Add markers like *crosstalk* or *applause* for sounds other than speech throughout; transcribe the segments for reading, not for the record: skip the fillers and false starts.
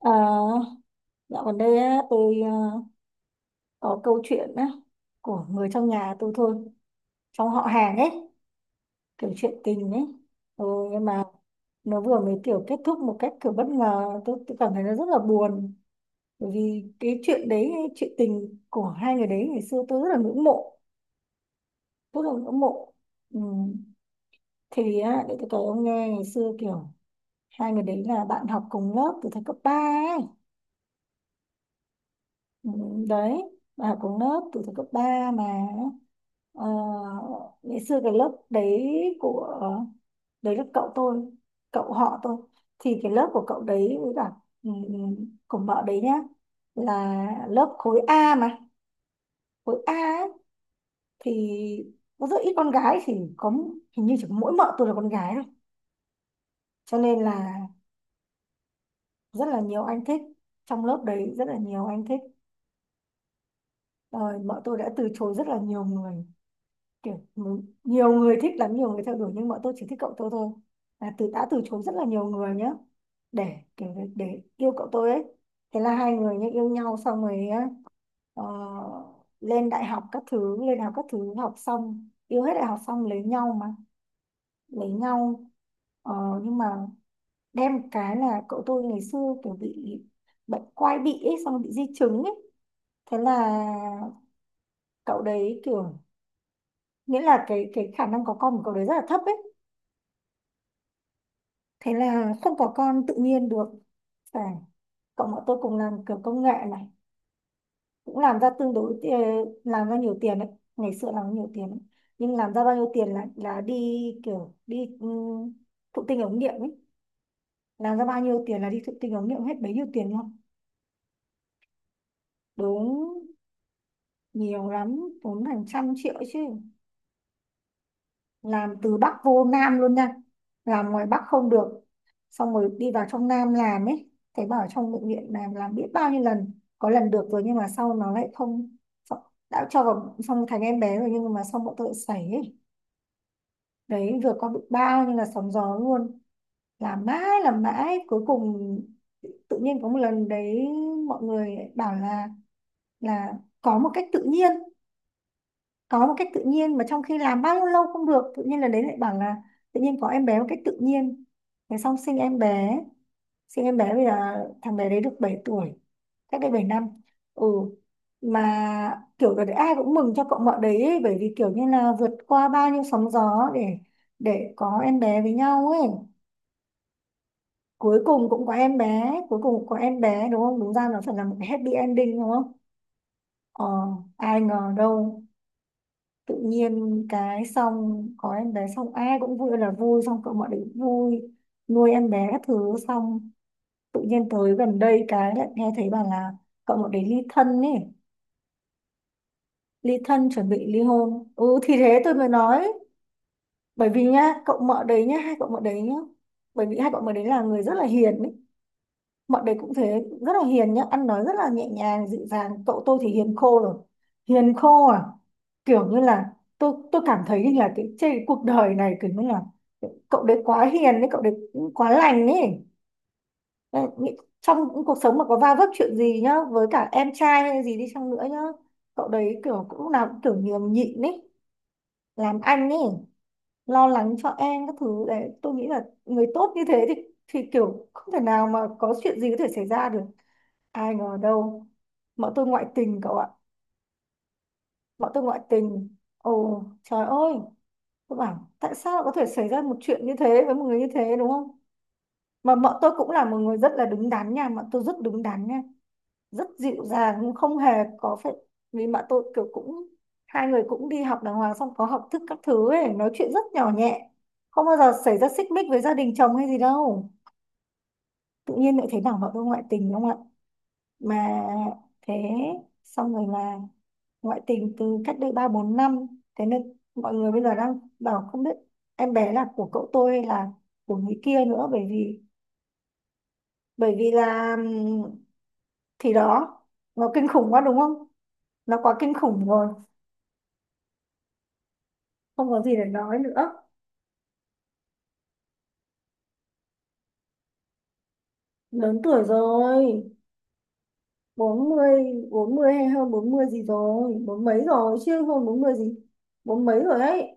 À, dạo gần đây á, tôi à, có câu chuyện á, của người trong nhà tôi thôi, trong họ hàng ấy, kiểu chuyện tình ấy. Ừ, nhưng mà nó vừa mới kiểu kết thúc một cách kiểu bất ngờ, tôi cảm thấy nó rất là buồn. Bởi vì cái chuyện đấy, chuyện tình của hai người đấy ngày xưa tôi rất là ngưỡng mộ, rất là ngưỡng mộ. Ừ. Thì á, để tôi kể ông nghe ngày xưa kiểu hai người đấy là bạn học cùng lớp từ thời cấp 3 ấy. Ừ, đấy, bạn học cùng lớp từ thời cấp 3 mà. Ờ, ngày xưa cái lớp đấy của đấy là cậu tôi, cậu họ tôi, thì cái lớp của cậu đấy với cả của vợ đấy nhá là lớp khối A mà, khối A ấy, thì có rất ít con gái, thì có hình như chỉ có mỗi vợ tôi là con gái thôi, cho nên là rất là nhiều anh thích, trong lớp đấy rất là nhiều anh thích, rồi vợ tôi đã từ chối rất là nhiều người, kiểu nhiều người thích lắm, nhiều người theo đuổi, nhưng bọn tôi chỉ thích cậu tôi thôi, là từ đã từ chối rất là nhiều người nhá, để kiểu để yêu cậu tôi ấy. Thế là hai người nhá yêu nhau xong rồi á, ờ, lên đại học các thứ, lên đại học các thứ, học xong yêu hết đại học xong lấy nhau mà, lấy nhau. Ờ, nhưng mà đem cái là cậu tôi ngày xưa kiểu bị bệnh quai bị ấy, xong rồi bị di chứng ấy, thế là cậu đấy kiểu, nghĩa là cái khả năng có con của cậu đấy rất là thấp ấy, thế là không có con tự nhiên được, phải. Cộng bọn tôi cùng làm kiểu công nghệ này cũng làm ra làm ra nhiều tiền đấy, ngày xưa làm nhiều tiền đấy. Nhưng làm ra bao nhiêu tiền là đi, kiểu đi thụ tinh ống nghiệm ấy, làm ra bao nhiêu tiền là đi thụ tinh ống nghiệm hết bấy nhiêu tiền luôn. Đúng, nhiều lắm, tốn hàng trăm triệu chứ. Làm từ Bắc vô Nam luôn nha, làm ngoài Bắc không được, xong rồi đi vào trong Nam làm ấy. Thấy bảo trong bệnh viện làm biết bao nhiêu lần, có lần được rồi nhưng mà sau nó lại không, đã cho vào xong thành em bé rồi nhưng mà xong bọn tôi lại sảy ấy. Đấy, vừa có bị bao nhiêu là sóng gió luôn, làm mãi cuối cùng tự nhiên có một lần đấy, mọi người bảo là có một cách tự nhiên, có một cách tự nhiên, mà trong khi làm bao nhiêu lâu không được, tự nhiên là đấy lại bảo là tự nhiên có em bé một cách tự nhiên. Thế xong sinh em bé, sinh em bé. Bây giờ thằng bé đấy được 7 tuổi, cách đây 7 năm. Ừ, mà kiểu là ai cũng mừng cho cậu mợ đấy ấy, bởi vì kiểu như là vượt qua bao nhiêu sóng gió để có em bé với nhau ấy. Cuối cùng cũng có em bé, cuối cùng cũng có em bé, đúng không? Đúng ra nó phải là một cái happy ending đúng không. Ờ, ai ngờ đâu, tự nhiên cái xong có em bé xong ai cũng vui là vui, xong cậu mọi đứa cũng vui, nuôi em bé các thứ xong, tự nhiên tới gần đây cái lại nghe thấy bảo là cậu mọi đứa ly thân ấy, ly thân chuẩn bị ly hôn. Ừ thì thế tôi mới nói, bởi vì nhá cậu mợ đấy nhá, hai cậu mợ đấy nhá, bởi vì hai cậu mợ đấy là người rất là hiền ấy, mọi đấy cũng thế, rất là hiền nhá, ăn nói rất là nhẹ nhàng, dịu dàng. Cậu tôi thì hiền khô rồi. Hiền khô à? Kiểu như là tôi cảm thấy như là cái trên cái cuộc đời này kiểu như là cậu đấy quá hiền đấy, cậu đấy cũng quá lành ấy. Đấy, trong những cuộc sống mà có va vấp chuyện gì nhá, với cả em trai hay gì đi chăng nữa nhá, cậu đấy kiểu cũng lúc nào cũng kiểu nhường nhịn ấy, làm anh ấy, lo lắng cho em các thứ đấy. Tôi nghĩ là người tốt như thế thì kiểu không thể nào mà có chuyện gì có thể xảy ra được. Ai ngờ đâu, bọn tôi ngoại tình cậu ạ, bọn tôi ngoại tình. Ồ, trời ơi, tôi bảo tại sao lại có thể xảy ra một chuyện như thế với một người như thế đúng không? Mà bọn tôi cũng là một người rất là đứng đắn nha, bọn tôi rất đứng đắn nha, rất dịu dàng, không hề có phải. Vì bọn tôi kiểu cũng, hai người cũng đi học đàng hoàng, xong có học thức các thứ ấy, nói chuyện rất nhỏ nhẹ, không bao giờ xảy ra xích mích với gia đình chồng hay gì đâu, tự nhiên lại thấy bảo bọn tôi ngoại tình đúng không ạ? Mà thế, xong rồi là ngoại tình từ cách đây ba bốn năm, thế nên mọi người bây giờ đang bảo không biết em bé là của cậu tôi hay là của người kia nữa, bởi vì, bởi vì thì đó, nó kinh khủng quá đúng không, nó quá kinh khủng rồi, không có gì để nói nữa. Lớn tuổi rồi, bốn mươi bốn mươi hay hơn bốn mươi gì rồi, bốn mấy rồi chứ, hơn bốn mươi gì, bốn mấy rồi ấy.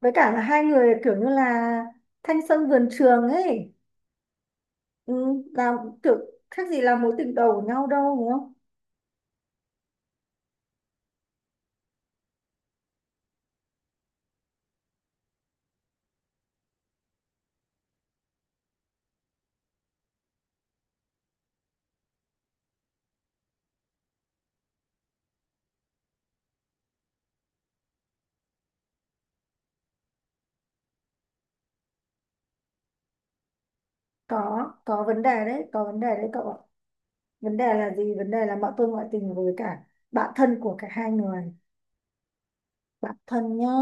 Với cả là hai người kiểu như là thanh xuân vườn trường ấy, ừ, là kiểu khác gì là mối tình đầu của nhau đâu đúng không. Có vấn đề đấy, có vấn đề đấy cậu ạ. Vấn đề là gì? Vấn đề là bọn tôi ngoại tình với cả bạn thân của cả hai người, bạn thân nhá,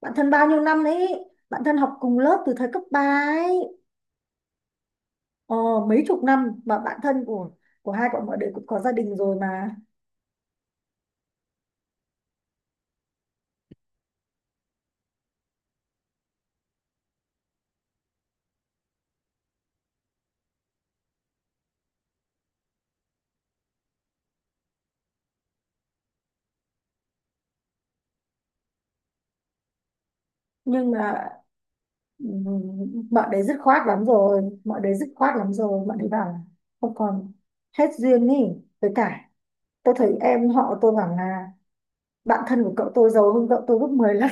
bạn thân bao nhiêu năm đấy, bạn thân học cùng lớp từ thời cấp 3, ấy, ờ, mấy chục năm mà, bạn thân của hai bọn mọi đứa cũng có gia đình rồi mà. Nhưng mà bọn đấy dứt khoát lắm rồi, bọn đấy dứt khoát lắm rồi, bọn đấy bảo là không còn, hết duyên ý. Với cả tôi thấy em họ tôi bảo là bạn thân của cậu tôi giàu hơn cậu tôi gấp 10 lần.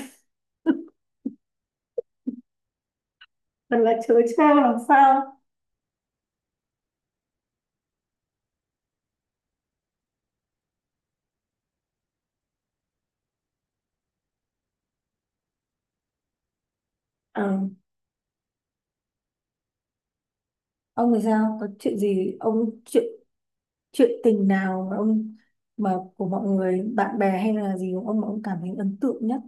*laughs* Thật là chớ trêu làm sao. Ờ, ông thì sao? Có chuyện gì? Ông chuyện chuyện tình nào mà ông, mà của mọi người, bạn bè hay là gì của ông mà ông cảm thấy ấn tượng nhất?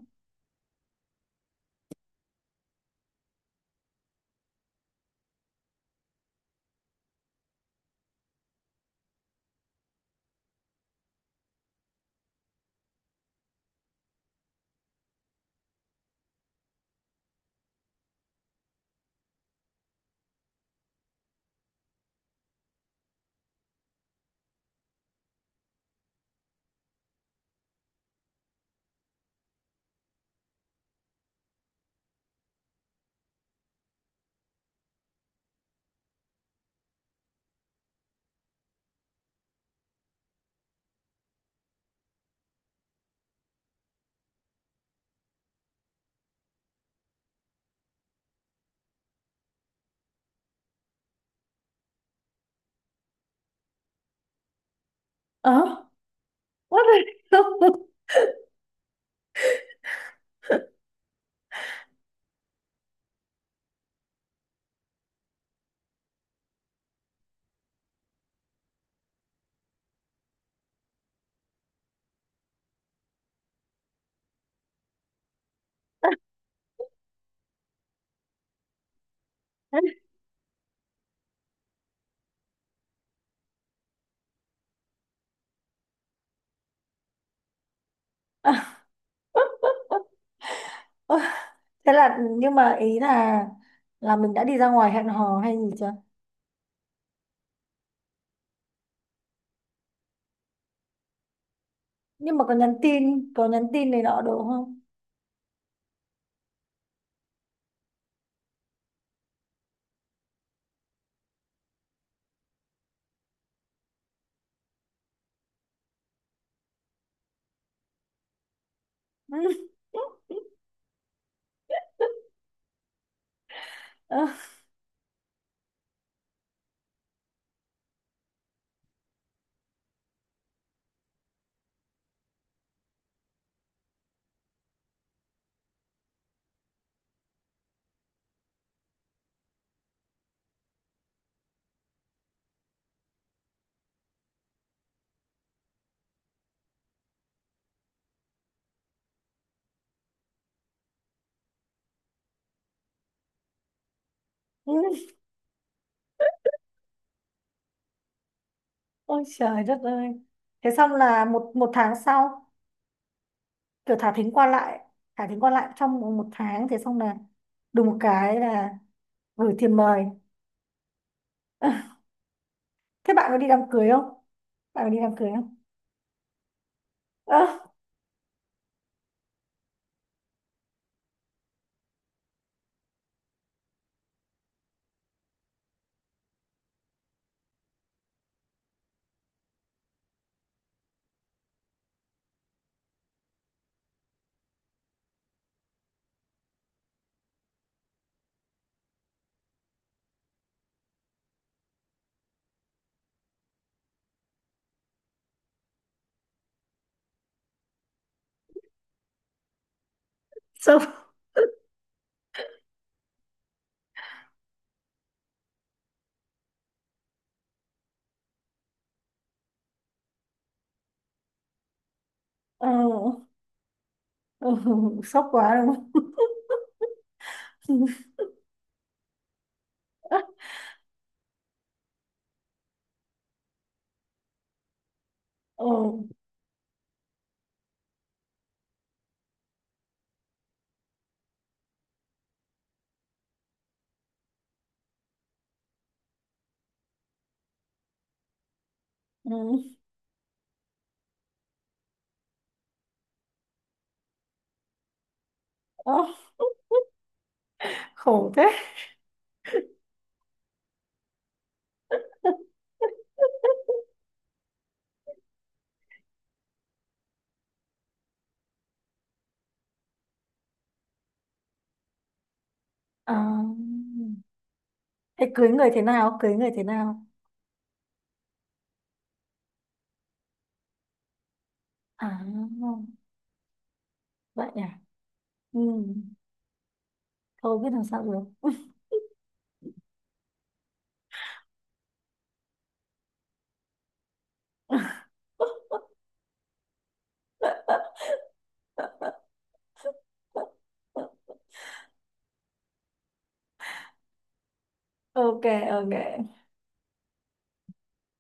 ờ What the hell? *laughs* À, ôi, thế là nhưng mà ý là mình đã đi ra ngoài hẹn hò hay gì chưa? Nhưng mà có nhắn tin này nọ được không? *laughs* Ôi trời đất ơi. Thế xong là một một tháng sau, kiểu thả thính qua lại, thả thính qua lại trong một một tháng, thế xong là đùng một cái là gửi tiền mời. *laughs* Thế bạn có đi đám cưới không? Bạn có đi đám cưới không? Ơ, sốc. Ờ, ừ, sốc quá đúng không? *laughs* Ừ, ừ, ơ, khổ thế. À, thế cưới người thế nào? Cưới người thế nào? À, vậy à? Ừ, thôi biết làm sao được. *laughs* Ok, ok.